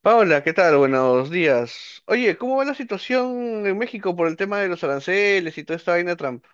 Paola, ¿qué tal? Buenos días. Oye, ¿cómo va la situación en México por el tema de los aranceles y toda esta vaina de Trump?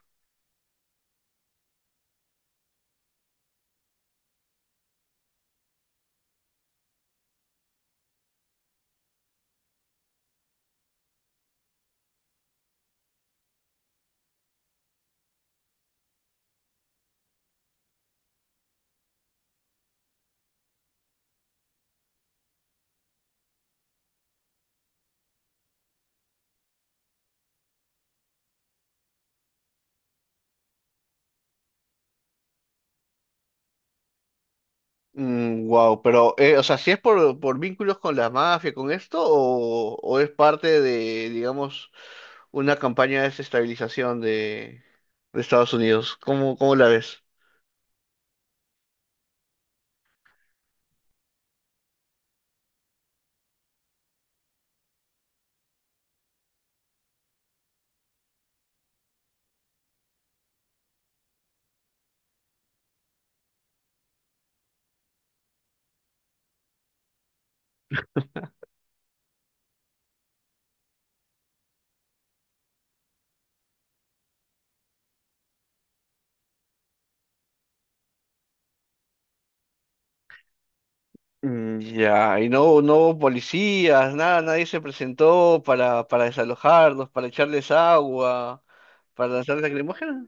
Wow, pero, o sea, ¿si es por vínculos con la mafia, con esto, o es parte de, digamos, una campaña de desestabilización de Estados Unidos? ¿Cómo, cómo la ves? Mm, ya. Y no, no hubo policías, nada, nadie se presentó para desalojarlos, para echarles agua, para lanzarles lacrimógenas.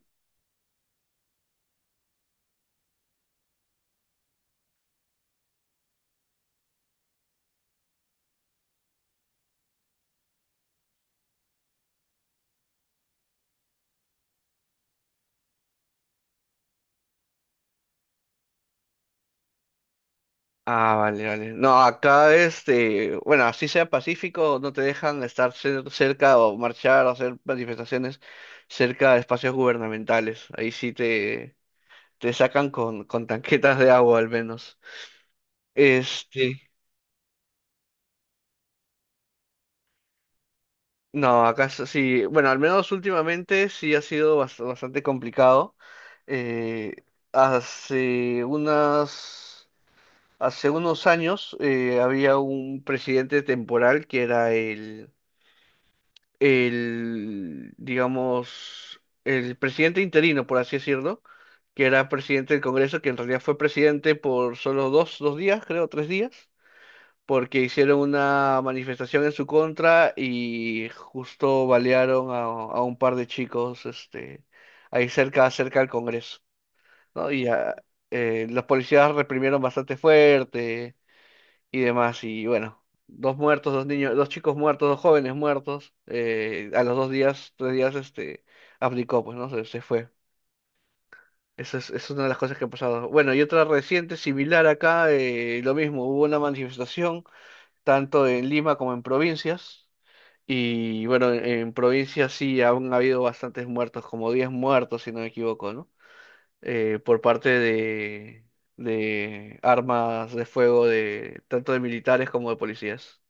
Ah, vale, vale. No, acá este, bueno, así sea pacífico, no te dejan estar cerca o marchar o hacer manifestaciones cerca de espacios gubernamentales. Ahí sí te sacan con tanquetas de agua al menos. Este, no, acá sí, bueno, al menos últimamente sí ha sido bastante complicado. Eh, hace unas, hace unos años había un presidente temporal que era el, digamos, el presidente interino, por así decirlo, que era presidente del Congreso, que en realidad fue presidente por solo dos días, creo, tres días, porque hicieron una manifestación en su contra y justo balearon a un par de chicos, este, ahí cerca, cerca del Congreso, ¿no? Los policías reprimieron bastante fuerte y demás. Y bueno, dos muertos, dos niños, dos chicos muertos, dos jóvenes muertos. A los dos días, tres días, este, abdicó, pues, ¿no? Se fue. Es una de las cosas que ha pasado. Bueno, y otra reciente, similar acá, lo mismo, hubo una manifestación, tanto en Lima como en provincias. Y bueno, en provincias sí aún ha habido bastantes muertos, como 10 muertos, si no me equivoco, ¿no? Por parte de armas de fuego de tanto de militares como de policías.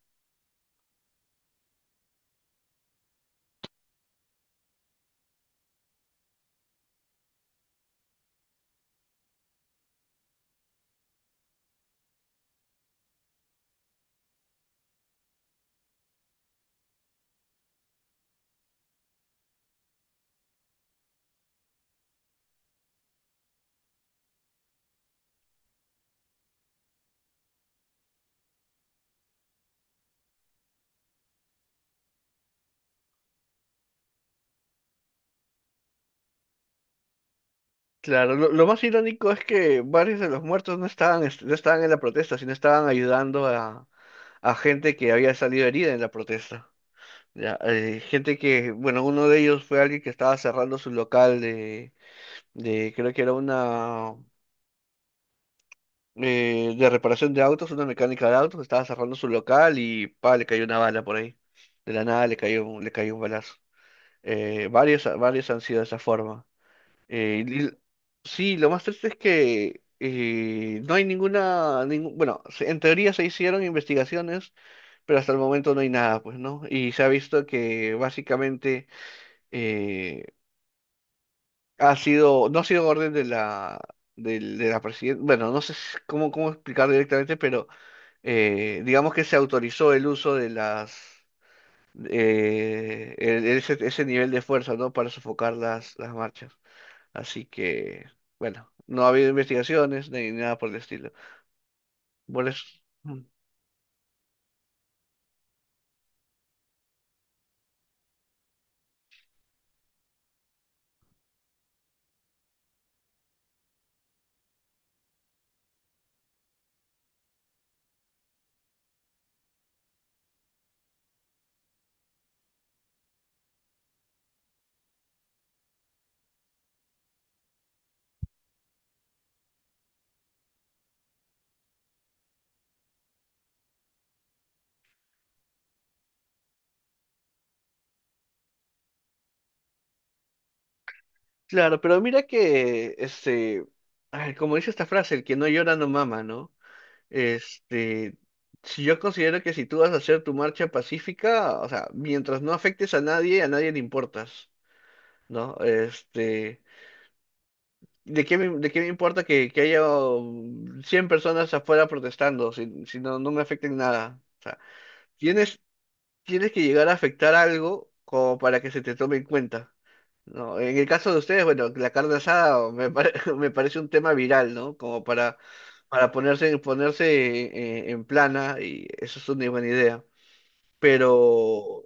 Claro, lo más irónico es que varios de los muertos no estaban, no estaban en la protesta, sino estaban ayudando a gente que había salido herida en la protesta. Ya, gente que, bueno, uno de ellos fue alguien que estaba cerrando su local de creo que era una, de reparación de autos, una mecánica de autos, estaba cerrando su local y, pa, le cayó una bala por ahí. De la nada le cayó, le cayó un balazo. Varios, varios han sido de esa forma. Eh, y- sí, lo más triste es que no hay ninguna, ningún, bueno, en teoría se hicieron investigaciones, pero hasta el momento no hay nada, pues, ¿no? Y se ha visto que básicamente eh, ha sido, no ha sido orden de la, la presidenta. Bueno, no sé cómo, cómo explicar directamente, pero digamos que se autorizó el uso de las, ese, ese nivel de fuerza, ¿no? Para sofocar las marchas. Así que, bueno, no ha habido investigaciones ni nada por el estilo. Por eso. Mm. Claro, pero mira que, este, ay, como dice esta frase, el que no llora no mama, ¿no? Este, si yo considero que si tú vas a hacer tu marcha pacífica, o sea, mientras no afectes a nadie le importas, ¿no? Este, ¿de qué me importa que haya 100 personas afuera protestando si, si no, no me afecten nada? O sea, tienes, tienes que llegar a afectar algo como para que se te tome en cuenta, ¿no? En el caso de ustedes, bueno, la carne asada me parece un tema viral, ¿no? Como para ponerse, ponerse en plana y eso es una buena idea. Pero,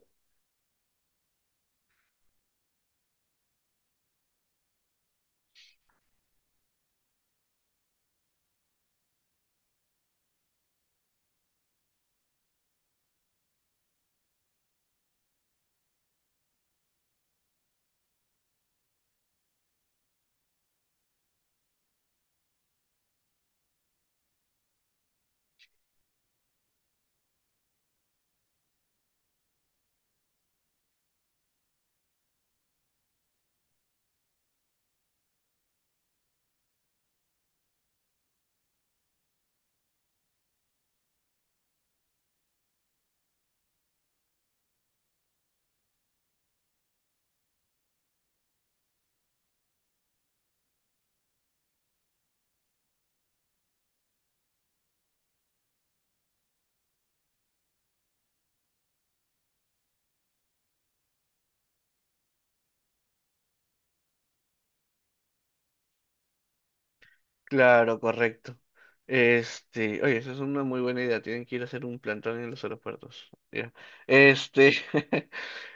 claro, correcto. Este, oye, esa es una muy buena idea. Tienen que ir a hacer un plantón en los aeropuertos. Ya. Este,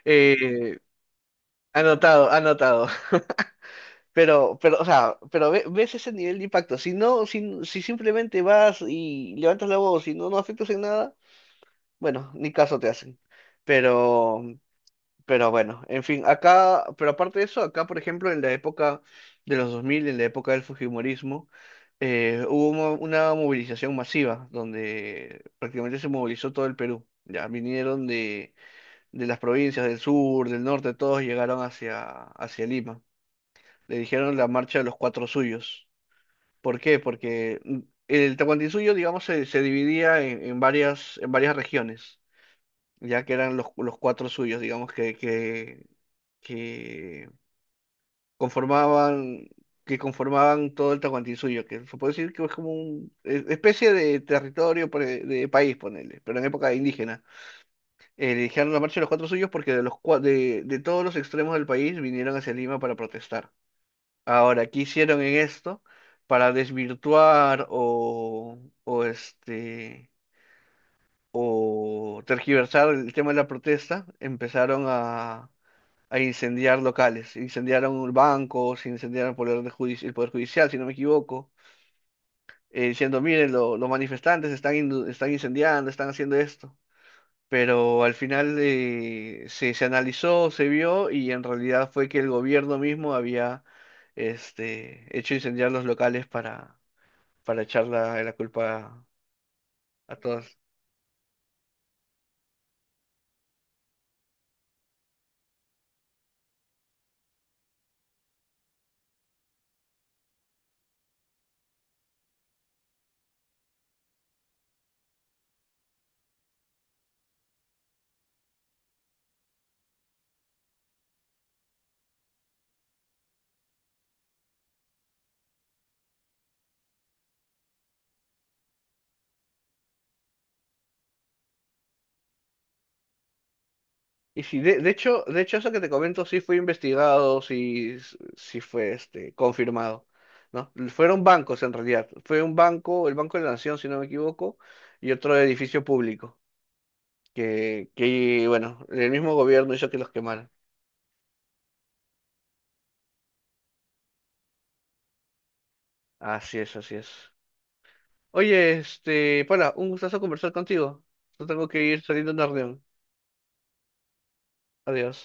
eh, anotado, anotado. Pero, o sea, pero ves ese nivel de impacto. Si no, si, si simplemente vas y levantas la voz y no, no afectas en nada, bueno, ni caso te hacen. Pero, pero bueno, en fin, acá, pero aparte de eso, acá, por ejemplo, en la época de los 2000, en la época del fujimorismo, una movilización masiva donde prácticamente se movilizó todo el Perú. Ya vinieron de las provincias del sur, del norte, todos llegaron hacia Lima. Le dijeron la marcha de los cuatro suyos. ¿Por qué? Porque mm, el Tahuantinsuyo, digamos, se dividía en varias regiones, ya que eran los cuatro suyos, digamos, que conformaban, que conformaban todo el Tahuantinsuyo, que se puede decir que es como una especie de territorio, de país, ponele, pero en época indígena. Le dijeron la marcha de los cuatro suyos porque de todos los extremos del país vinieron hacia Lima para protestar. Ahora, ¿qué hicieron en esto para desvirtuar o este o tergiversar el tema de la protesta? Empezaron a incendiar locales, incendiaron bancos, incendiaron el poder, el poder judicial, si no me equivoco, diciendo, miren, los manifestantes están, están incendiando, están haciendo esto. Pero al final se, se analizó, se vio y en realidad fue que el gobierno mismo había este, hecho incendiar los locales para echarla la culpa a todas. Y sí, de hecho eso que te comento sí fue investigado, sí, sí fue este, confirmado, ¿no? Fueron bancos en realidad. Fue un banco, el Banco de la Nación, si no me equivoco, y otro edificio público, que bueno, el mismo gobierno hizo que los quemaran. Así es, así es. Oye, este, Paula, un gustazo conversar contigo. Yo tengo que ir saliendo a una reunión. Adiós.